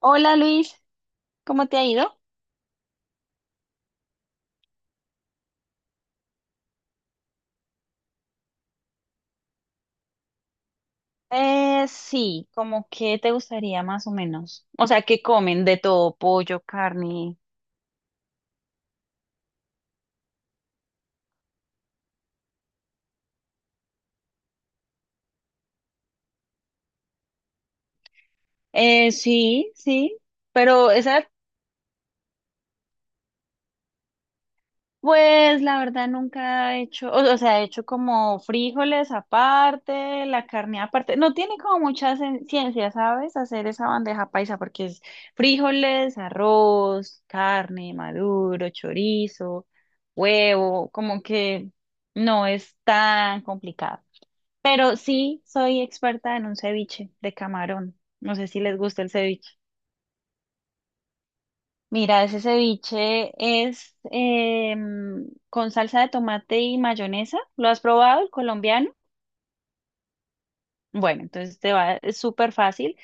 Hola Luis, ¿cómo te ha ido? Sí, como que te gustaría más o menos. O sea, que comen de todo, pollo, carne. Sí, sí, pero esa... Pues la verdad nunca he hecho, o sea, he hecho como frijoles aparte, la carne aparte. No tiene como mucha ciencia, ¿sabes? Hacer esa bandeja paisa porque es frijoles, arroz, carne, maduro, chorizo, huevo, como que no es tan complicado. Pero sí soy experta en un ceviche de camarón. No sé si les gusta el ceviche. Mira, ese ceviche es con salsa de tomate y mayonesa. ¿Lo has probado, el colombiano? Bueno, entonces te va, es súper fácil.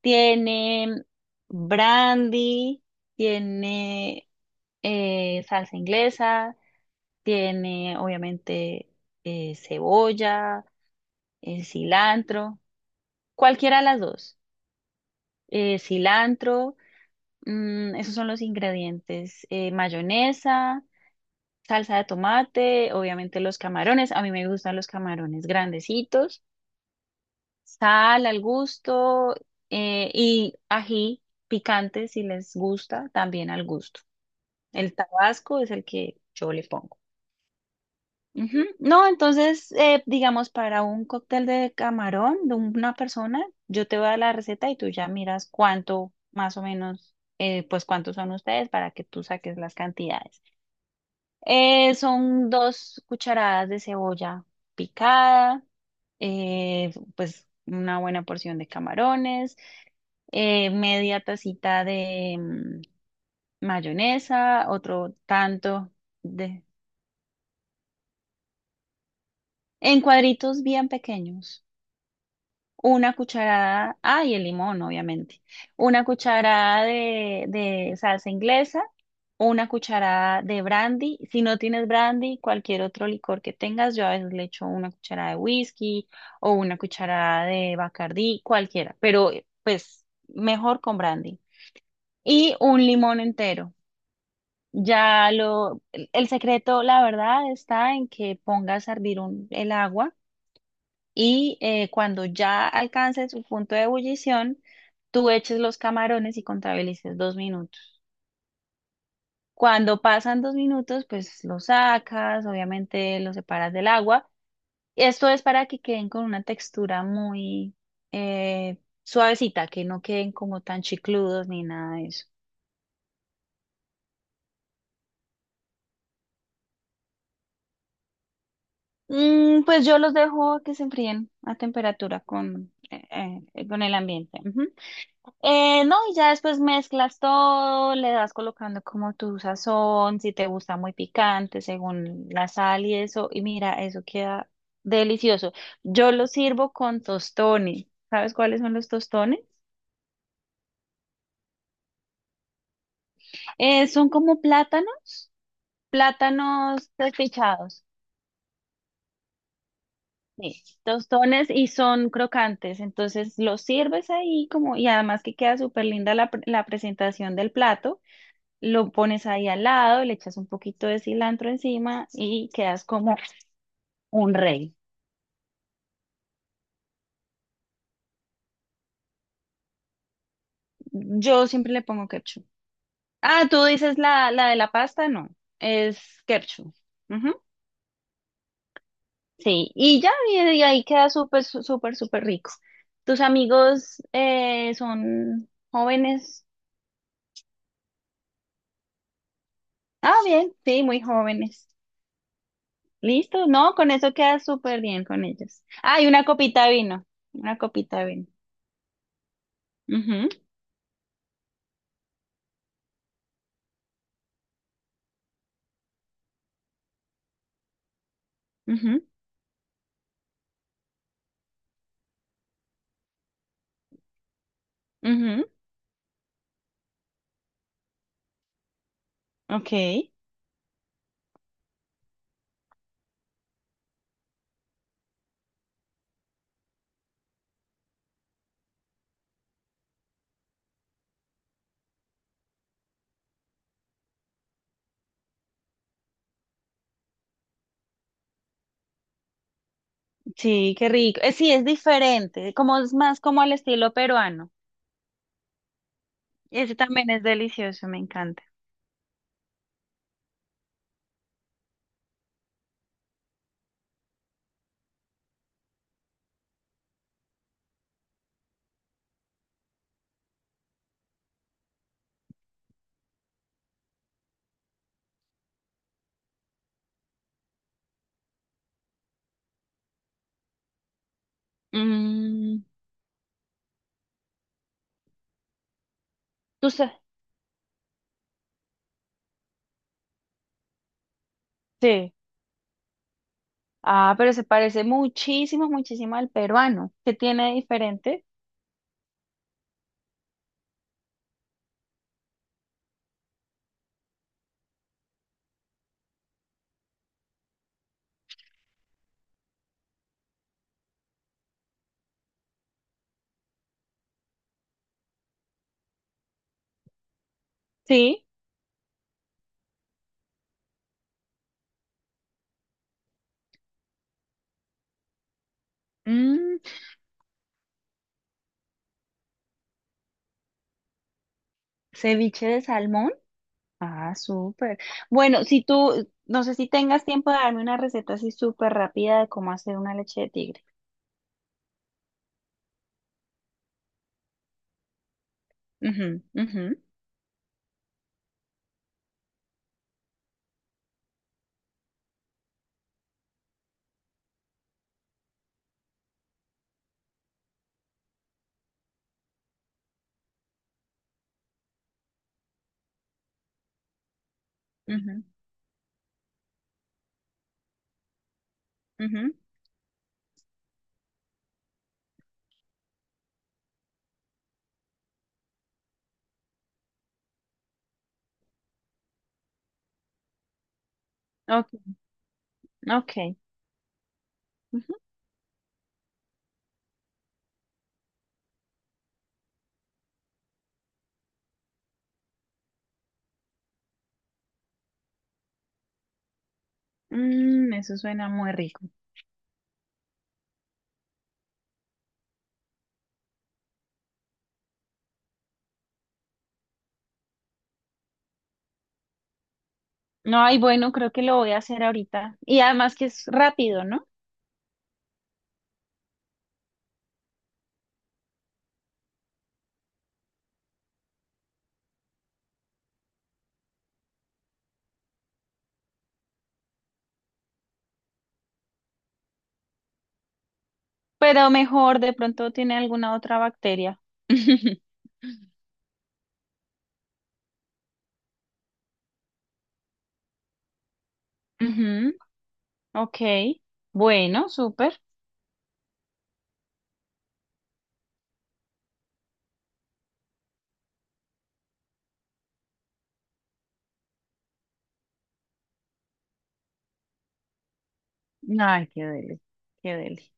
Tiene brandy, tiene salsa inglesa, tiene obviamente cebolla, cilantro, cualquiera de las dos. Cilantro, esos son los ingredientes. Mayonesa, salsa de tomate, obviamente los camarones, a mí me gustan los camarones grandecitos, sal al gusto, y ají picante si les gusta, también al gusto. El tabasco es el que yo le pongo. Ujú. No, entonces, digamos, para un cóctel de camarón de una persona, yo te voy a dar la receta y tú ya miras cuánto, más o menos, pues cuántos son ustedes para que tú saques las cantidades. Son 2 cucharadas de cebolla picada, pues una buena porción de camarones, media tacita de mayonesa, otro tanto de... en cuadritos bien pequeños. Una cucharada, ah, y el limón, obviamente. Una cucharada de salsa inglesa, una cucharada de brandy. Si no tienes brandy, cualquier otro licor que tengas, yo a veces le echo una cucharada de whisky o una cucharada de Bacardí, cualquiera, pero pues mejor con brandy. Y un limón entero. El secreto, la verdad, está en que pongas a hervir el agua y cuando ya alcance su punto de ebullición, tú eches los camarones y contabilices 2 minutos. Cuando pasan 2 minutos, pues los sacas, obviamente los separas del agua. Esto es para que queden con una textura muy eh, suavecita, que no queden como tan chicludos ni nada de eso. Mm, pues yo los dejo que se enfríen a temperatura con el ambiente. Ujú. No, y ya después mezclas todo, le das colocando como tu sazón, si te gusta muy picante, según la sal y eso, y mira, eso queda delicioso. Yo lo sirvo con tostones. ¿Sabes cuáles son los tostones? Son como plátanos, plátanos despichados. Sí, tostones y son crocantes, entonces los sirves ahí como, y además que queda súper linda la presentación del plato. Lo pones ahí al lado, le echas un poquito de cilantro encima y quedas como un rey. Yo siempre le pongo ketchup. Ah, tú dices la de la pasta, no, es ketchup. Ujú. Sí, y ahí queda súper, súper rico. ¿Tus amigos son jóvenes? Ah, bien, sí, muy jóvenes. Listo, no, con eso queda súper bien con ellos. Ah, y una copita de vino, una copita de vino. Ujú, ujú, ujú. Ok. Sí, qué rico. Sí, es diferente, como es más como al estilo peruano. Y ese también es delicioso, me encanta. Mm, tú sabes, sí. Ah, pero se parece muchísimo, muchísimo al peruano. ¿Qué tiene de diferente? Sí. Mm, ceviche de salmón. Ah, súper. Bueno, si tú, no sé si tengas tiempo de darme una receta así súper rápida de cómo hacer una leche de tigre. Ujú, ujú, ujú, ujú. Ok, ok. Ujú. Mm, eso suena muy rico. No, ay, bueno, creo que lo voy a hacer ahorita. Y además que es rápido, ¿no? Pero mejor, de pronto tiene alguna otra bacteria. Ujú. Ok, bueno, súper. Ay, qué deli, qué deli.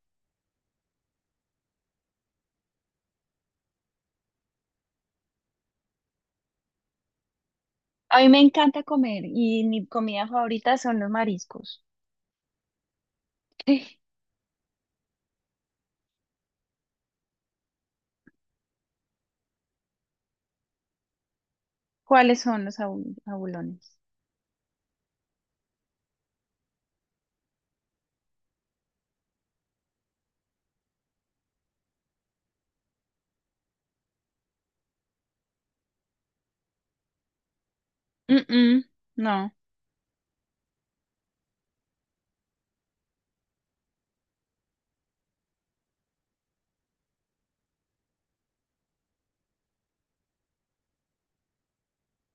A mí me encanta comer y mi comida favorita son los mariscos. Sí. ¿Cuáles son abulones? Mm, mm, no.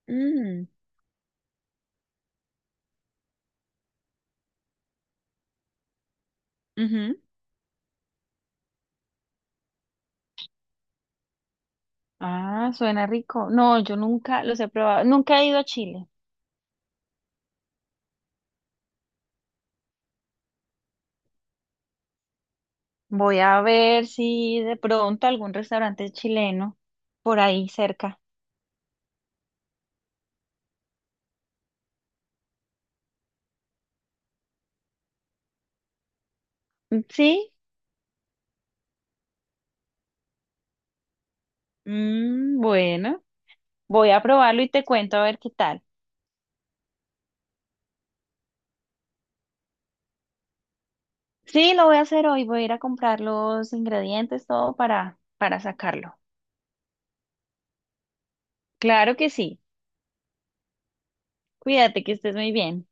Mm, ujú. Ah, suena rico. No, yo nunca los he probado. Nunca he ido a Chile. Voy a ver si de pronto algún restaurante chileno por ahí cerca. ¿Sí? Mm, bueno, voy a probarlo y te cuento a ver qué tal. Sí, lo voy a hacer hoy. Voy a ir a comprar los ingredientes, todo para sacarlo. Claro que sí. Cuídate, que estés muy bien.